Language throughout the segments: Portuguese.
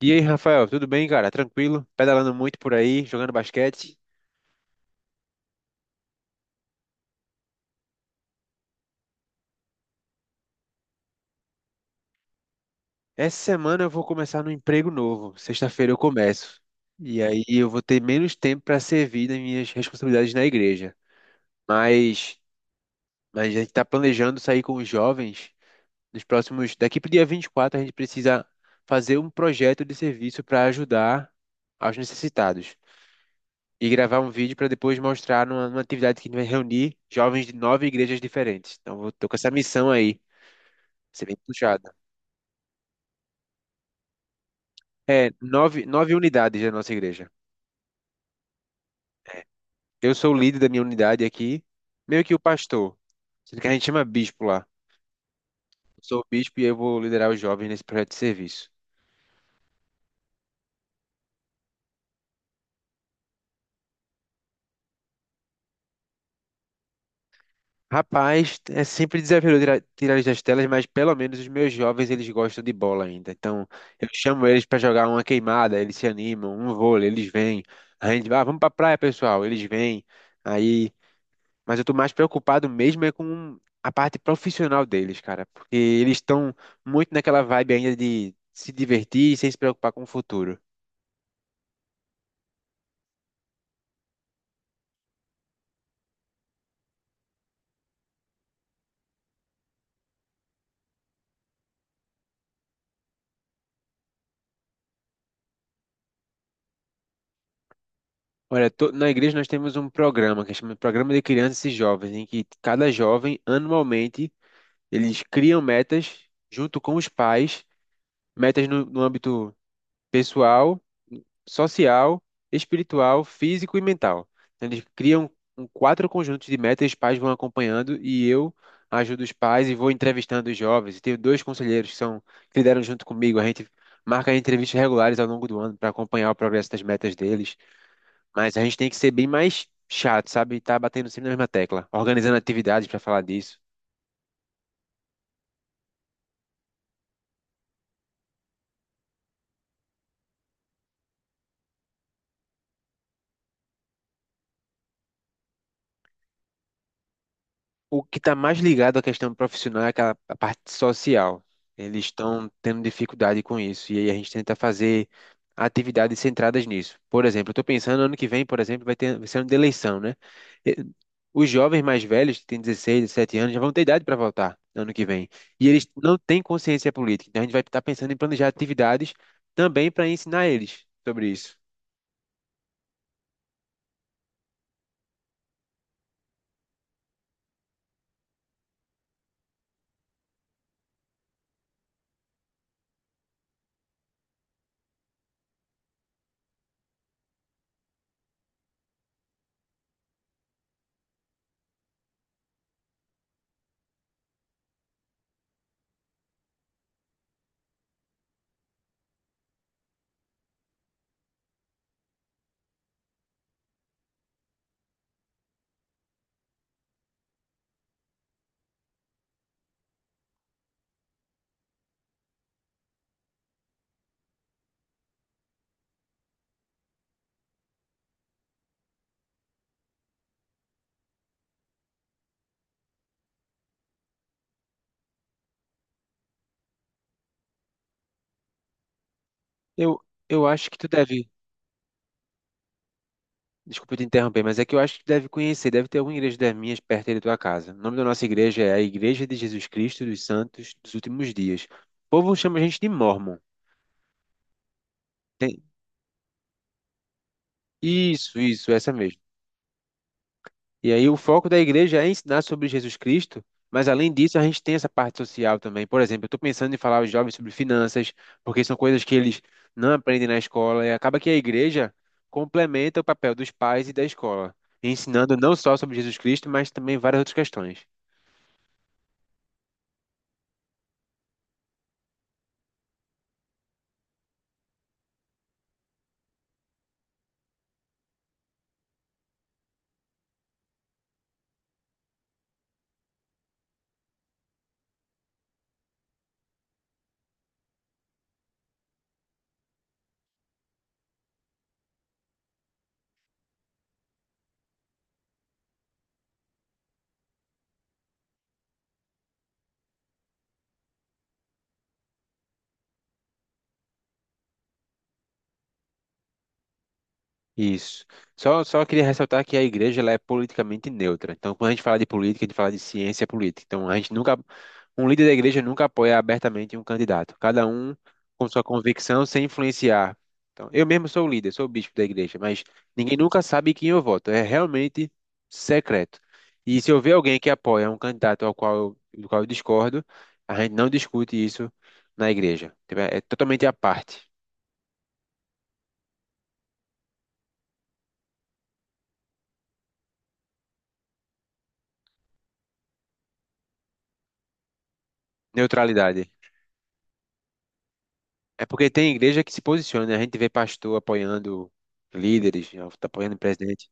E aí, Rafael, tudo bem, cara? Tranquilo? Pedalando muito por aí, jogando basquete. Essa semana eu vou começar no emprego novo. Sexta-feira eu começo. E aí eu vou ter menos tempo para servir das minhas responsabilidades na igreja. Mas, mas a gente está planejando sair com os jovens nos próximos. Daqui para o dia 24, a gente precisa fazer um projeto de serviço para ajudar aos necessitados. E gravar um vídeo para depois mostrar numa atividade que a gente vai reunir jovens de nove igrejas diferentes. Então, eu tô com essa missão aí. Ser bem puxada. É, nove unidades da nossa igreja. Eu sou o líder da minha unidade aqui, meio que o pastor. Sendo que a gente chama bispo lá. Eu sou o bispo e eu vou liderar os jovens nesse projeto de serviço. Rapaz, é sempre desafiador tirar eles das telas, mas pelo menos os meus jovens eles gostam de bola ainda. Então, eu chamo eles para jogar uma queimada, eles se animam, um vôlei, eles vêm. A gente, vai, ah, vamos pra praia, pessoal, eles vêm. Aí mas eu tô mais preocupado mesmo é com a parte profissional deles, cara. Porque eles estão muito naquela vibe ainda de se divertir sem se preocupar com o futuro. Olha, na igreja nós temos um programa que chama Programa de Crianças e Jovens, em que cada jovem, anualmente, eles criam metas junto com os pais, metas no âmbito pessoal, social, espiritual, físico e mental. Então, eles criam quatro conjuntos de metas, os pais vão acompanhando e eu ajudo os pais e vou entrevistando os jovens. E tenho dois conselheiros que lideram junto comigo. A gente marca entrevistas regulares ao longo do ano para acompanhar o progresso das metas deles. Mas a gente tem que ser bem mais chato, sabe? E tá batendo sempre na mesma tecla, organizando atividades para falar disso. O que está mais ligado à questão profissional é aquela a parte social. Eles estão tendo dificuldade com isso e aí a gente tenta fazer atividades centradas nisso. Por exemplo, eu estou pensando ano que vem, por exemplo, vai ser ano de eleição, né? E- Os jovens mais velhos, que têm 16, 17 anos, já vão ter idade para votar ano que vem. E eles não têm consciência política. Então a gente vai estar pensando em planejar atividades também para ensinar eles sobre isso. Eu, eu acho que tu deve Desculpa te interromper, mas é que eu acho que tu deve conhecer, deve ter alguma igreja das minhas perto aí da tua casa. O nome da nossa igreja é a Igreja de Jesus Cristo dos Santos dos Últimos Dias. O povo chama a gente de Mormon. Tem- Isso, isso, essa mesmo. E aí o foco da igreja é ensinar sobre Jesus Cristo, mas além disso a gente tem essa parte social também. Por exemplo, eu estou pensando em falar aos jovens sobre finanças, porque são coisas que eles não aprendem na escola, e acaba que a igreja complementa o papel dos pais e da escola, ensinando não só sobre Jesus Cristo, mas também várias outras questões. Isso. Só queria ressaltar que a igreja ela é politicamente neutra. Então, quando a gente fala de política, a gente fala de ciência política. Então, a gente nunca, um líder da igreja nunca apoia abertamente um candidato. Cada um com sua convicção, sem influenciar. Então, eu mesmo sou o líder, sou o bispo da igreja, mas ninguém nunca sabe quem eu voto. É realmente secreto. E se eu ver alguém que apoia um candidato ao qual do qual eu discordo, a gente não discute isso na igreja. Tipo, é totalmente à parte. Neutralidade. É porque tem igreja que se posiciona, né? A gente vê pastor apoiando líderes, né, apoiando o presidente.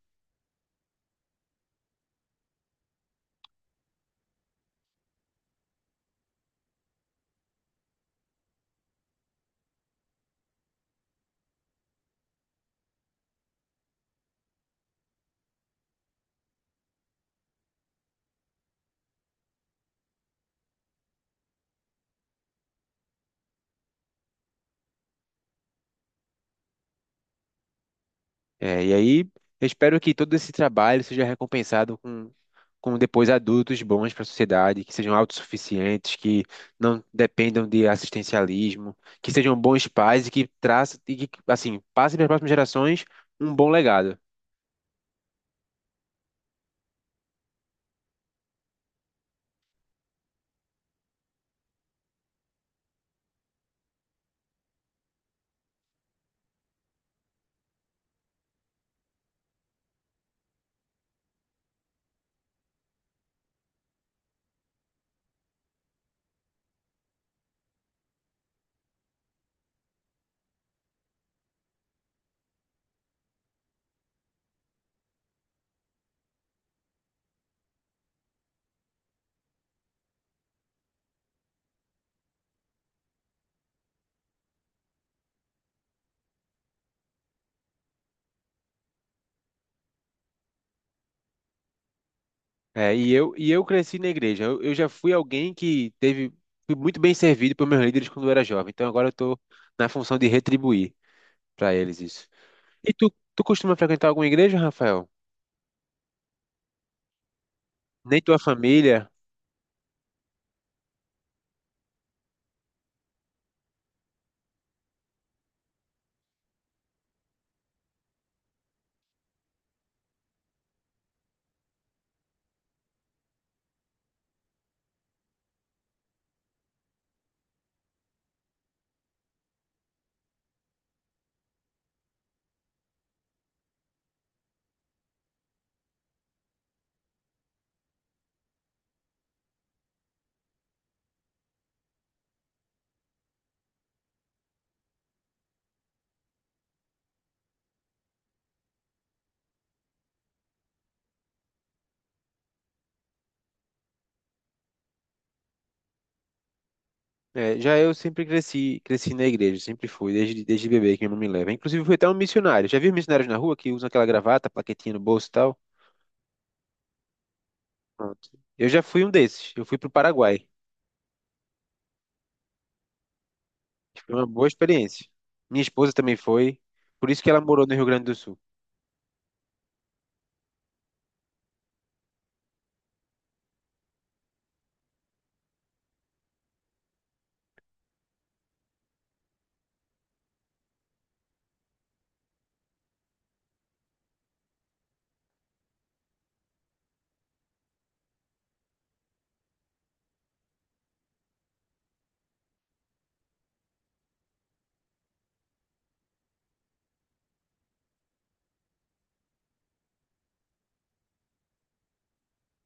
É, e aí, eu espero que todo esse trabalho seja recompensado com depois adultos bons para a sociedade, que sejam autossuficientes, que não dependam de assistencialismo, que sejam bons pais e que traçam, e que, assim, passem para as próximas gerações um bom legado. É, e eu cresci na igreja. Eu já fui alguém que teve, fui muito bem servido por meus líderes quando eu era jovem. Então agora eu estou na função de retribuir para eles isso. E tu costuma frequentar alguma igreja, Rafael? Nem tua família? É, já eu sempre cresci, cresci na igreja, sempre fui, desde bebê que minha mãe me leva. Inclusive fui até um missionário. Já vi missionários na rua que usam aquela gravata, plaquetinha no bolso e tal? Pronto. Eu já fui um desses. Eu fui pro Paraguai. Foi uma boa experiência. Minha esposa também foi, por isso que ela morou no Rio Grande do Sul.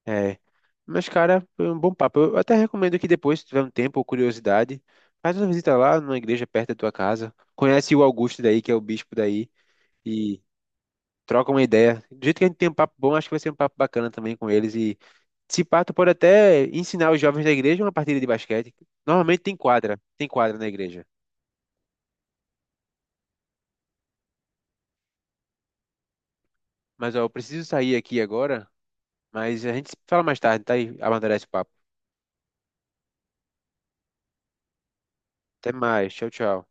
É. Mas, cara, foi um bom papo. Eu até recomendo que depois, se tiver um tempo ou curiosidade, faz uma visita lá numa igreja perto da tua casa. Conhece o Augusto daí, que é o bispo daí, e troca uma ideia. Do jeito que a gente tem um papo bom, acho que vai ser um papo bacana também com eles. E se pá, tu pode até ensinar os jovens da igreja uma partida de basquete. Normalmente tem quadra na igreja. Mas, ó, eu preciso sair aqui agora, mas a gente se fala mais tarde, tá? E amadurece o papo. Até mais. Tchau, tchau.